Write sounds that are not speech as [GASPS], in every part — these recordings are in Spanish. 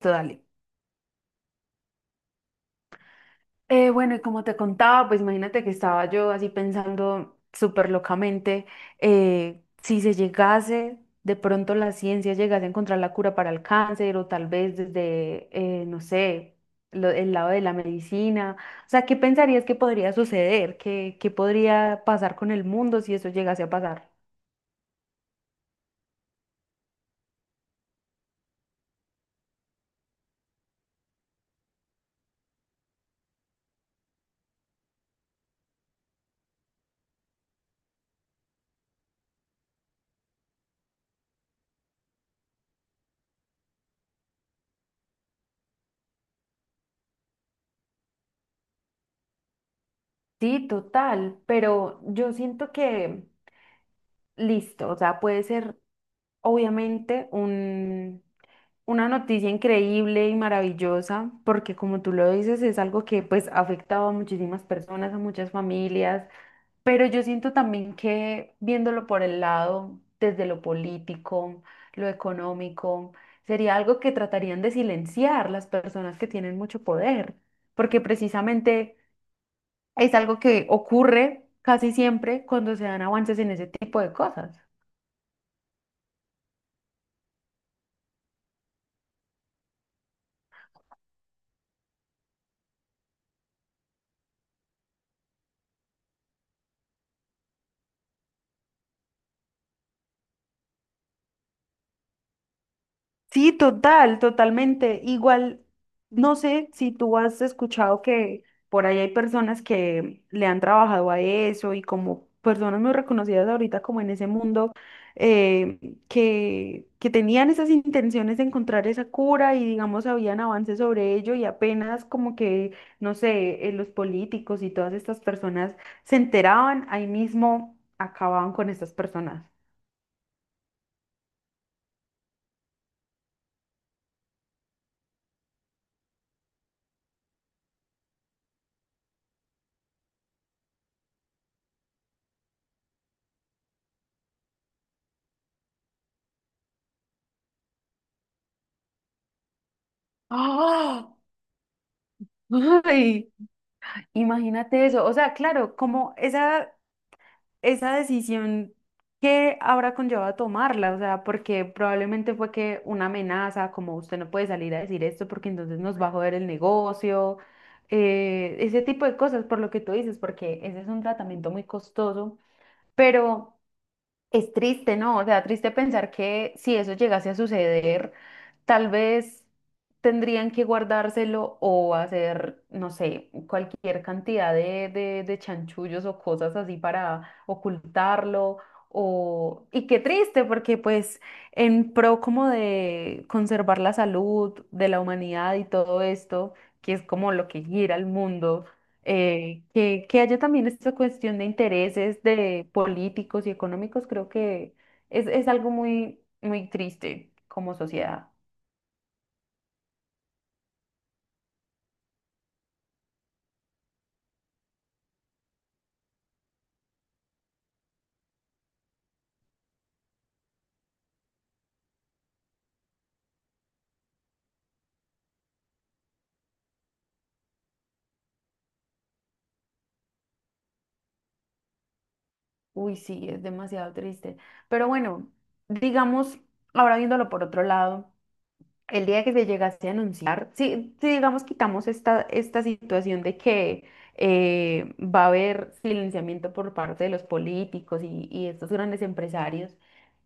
Listo, dale. Bueno, y como te contaba, pues imagínate que estaba yo así pensando súper locamente, si se llegase, de pronto la ciencia llegase a encontrar la cura para el cáncer o tal vez desde, no sé, el lado de la medicina. O sea, ¿qué pensarías que podría suceder? ¿Qué podría pasar con el mundo si eso llegase a pasar? Sí, total, pero yo siento que... Listo, o sea, puede ser obviamente un, una noticia increíble y maravillosa, porque como tú lo dices, es algo que pues ha afectado a muchísimas personas, a muchas familias, pero yo siento también que viéndolo por el lado, desde lo político, lo económico, sería algo que tratarían de silenciar las personas que tienen mucho poder, porque precisamente es algo que ocurre casi siempre cuando se dan avances en ese tipo de cosas. Sí, total, totalmente. Igual, no sé si tú has escuchado que por ahí hay personas que le han trabajado a eso y como personas muy reconocidas ahorita como en ese mundo, eh, que tenían esas intenciones de encontrar esa cura y digamos habían avances sobre ello y apenas como que, no sé, los políticos y todas estas personas se enteraban, ahí mismo acababan con estas personas. [GASPS] ¡Ah! ¡Ay! Imagínate eso, o sea, claro, como esa decisión que habrá conllevado tomarla, o sea, porque probablemente fue que una amenaza, como usted no puede salir a decir esto porque entonces nos va a joder el negocio, ese tipo de cosas, por lo que tú dices, porque ese es un tratamiento muy costoso, pero... Es triste, ¿no? O sea, triste pensar que si eso llegase a suceder, tal vez tendrían que guardárselo o hacer, no sé, cualquier cantidad de chanchullos o cosas así para ocultarlo. O... Y qué triste, porque pues en pro como de conservar la salud de la humanidad y todo esto, que es como lo que gira el mundo que haya también esta cuestión de intereses de políticos y económicos, creo que es algo muy, muy triste como sociedad. Uy, sí, es demasiado triste. Pero bueno, digamos, ahora viéndolo por otro lado. El día que se llegase a anunciar, si, si digamos quitamos esta, esta situación de que va a haber silenciamiento por parte de los políticos y estos grandes empresarios,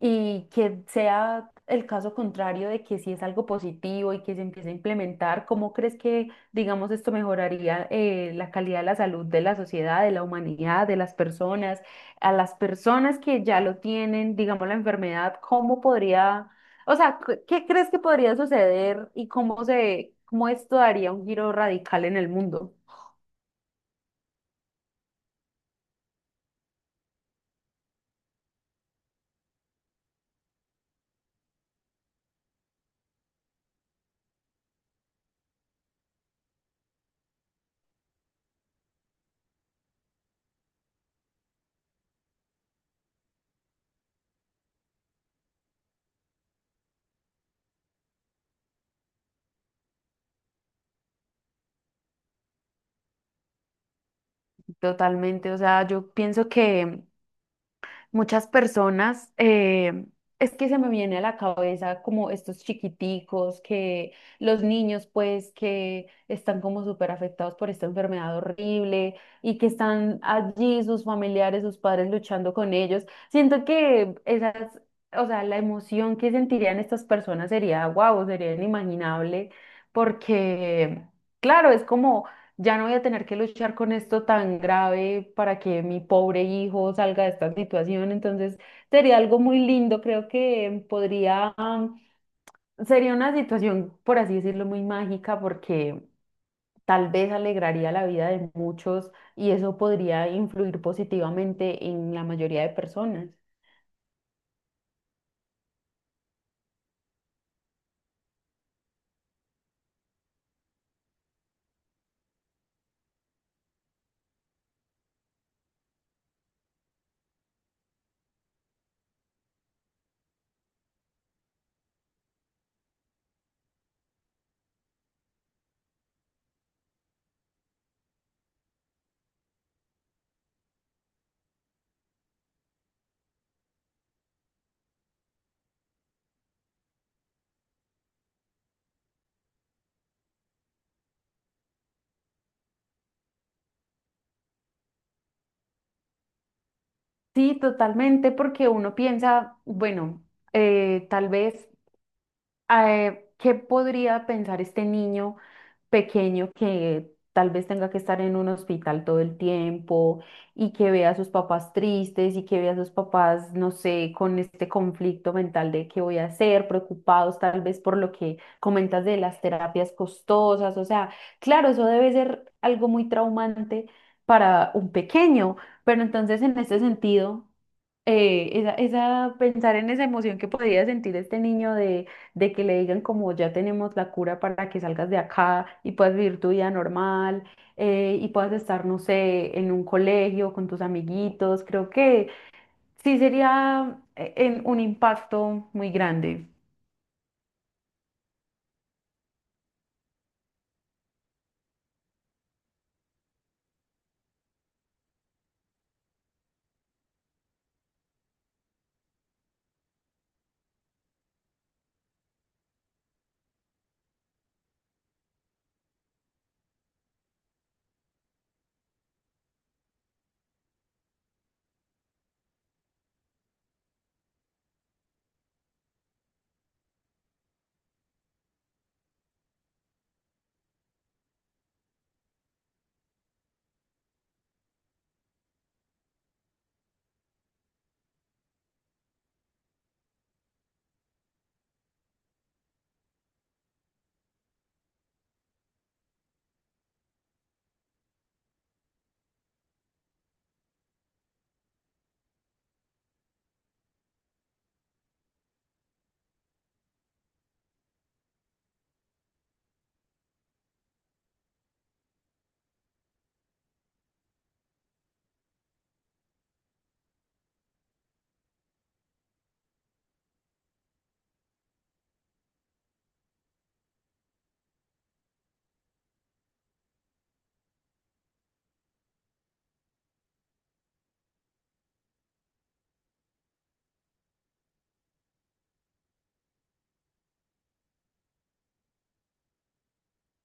y que sea el caso contrario de que si es algo positivo y que se empiece a implementar, ¿cómo crees que, digamos, esto mejoraría la calidad de la salud de la sociedad, de la humanidad, de las personas, a las personas que ya lo tienen, digamos, la enfermedad, ¿cómo podría o sea, ¿qué qué crees que podría suceder y cómo se, cómo esto daría un giro radical en el mundo? Totalmente, o sea, yo pienso que muchas personas, es que se me viene a la cabeza como estos chiquiticos, que los niños pues que están como súper afectados por esta enfermedad horrible y que están allí sus familiares, sus padres luchando con ellos. Siento que esas, o sea, la emoción que sentirían estas personas sería, wow, sería inimaginable porque, claro, es como... Ya no voy a tener que luchar con esto tan grave para que mi pobre hijo salga de esta situación. Entonces, sería algo muy lindo. Creo que podría, sería una situación, por así decirlo, muy mágica porque tal vez alegraría la vida de muchos y eso podría influir positivamente en la mayoría de personas. Sí, totalmente, porque uno piensa, bueno, tal vez ¿qué podría pensar este niño pequeño que tal vez tenga que estar en un hospital todo el tiempo y que vea a sus papás tristes y que vea a sus papás, no sé, con este conflicto mental de qué voy a hacer, preocupados tal vez por lo que comentas de las terapias costosas? O sea, claro, eso debe ser algo muy traumante para un pequeño, pero entonces en este sentido esa, esa, pensar en esa emoción que podía sentir este niño de que le digan como ya tenemos la cura para que salgas de acá y puedas vivir tu vida normal y puedas estar, no sé, en un colegio con tus amiguitos, creo que sí sería en un impacto muy grande.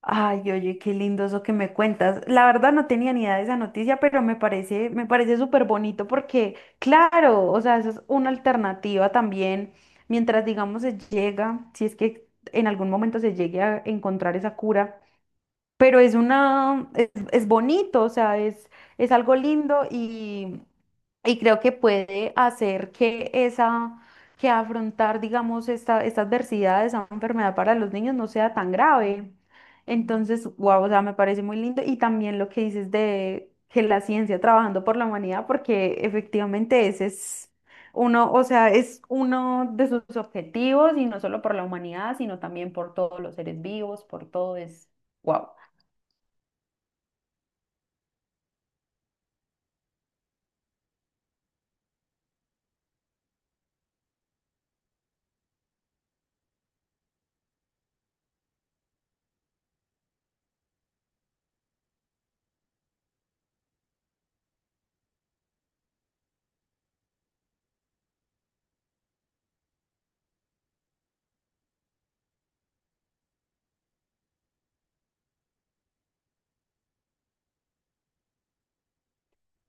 Ay, oye, qué lindo eso que me cuentas. La verdad no tenía ni idea de esa noticia, pero me parece súper bonito porque, claro, o sea, esa es una alternativa también, mientras digamos se llega, si es que en algún momento se llegue a encontrar esa cura, pero es una, es bonito, o sea, es algo lindo y. Y creo que puede hacer que esa, que afrontar, digamos, esta adversidad, esa enfermedad para los niños no sea tan grave. Entonces, wow, o sea, me parece muy lindo. Y también lo que dices de que la ciencia trabajando por la humanidad, porque efectivamente ese es uno, o sea, es uno de sus objetivos, y no solo por la humanidad, sino también por todos los seres vivos, por todo es wow.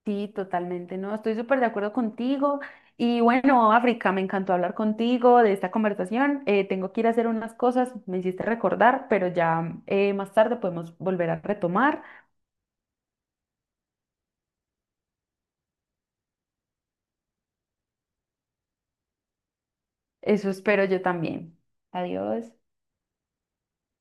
Sí, totalmente, no, estoy súper de acuerdo contigo. Y bueno, África, me encantó hablar contigo de esta conversación. Tengo que ir a hacer unas cosas, me hiciste recordar, pero ya más tarde podemos volver a retomar. Eso espero yo también. Adiós.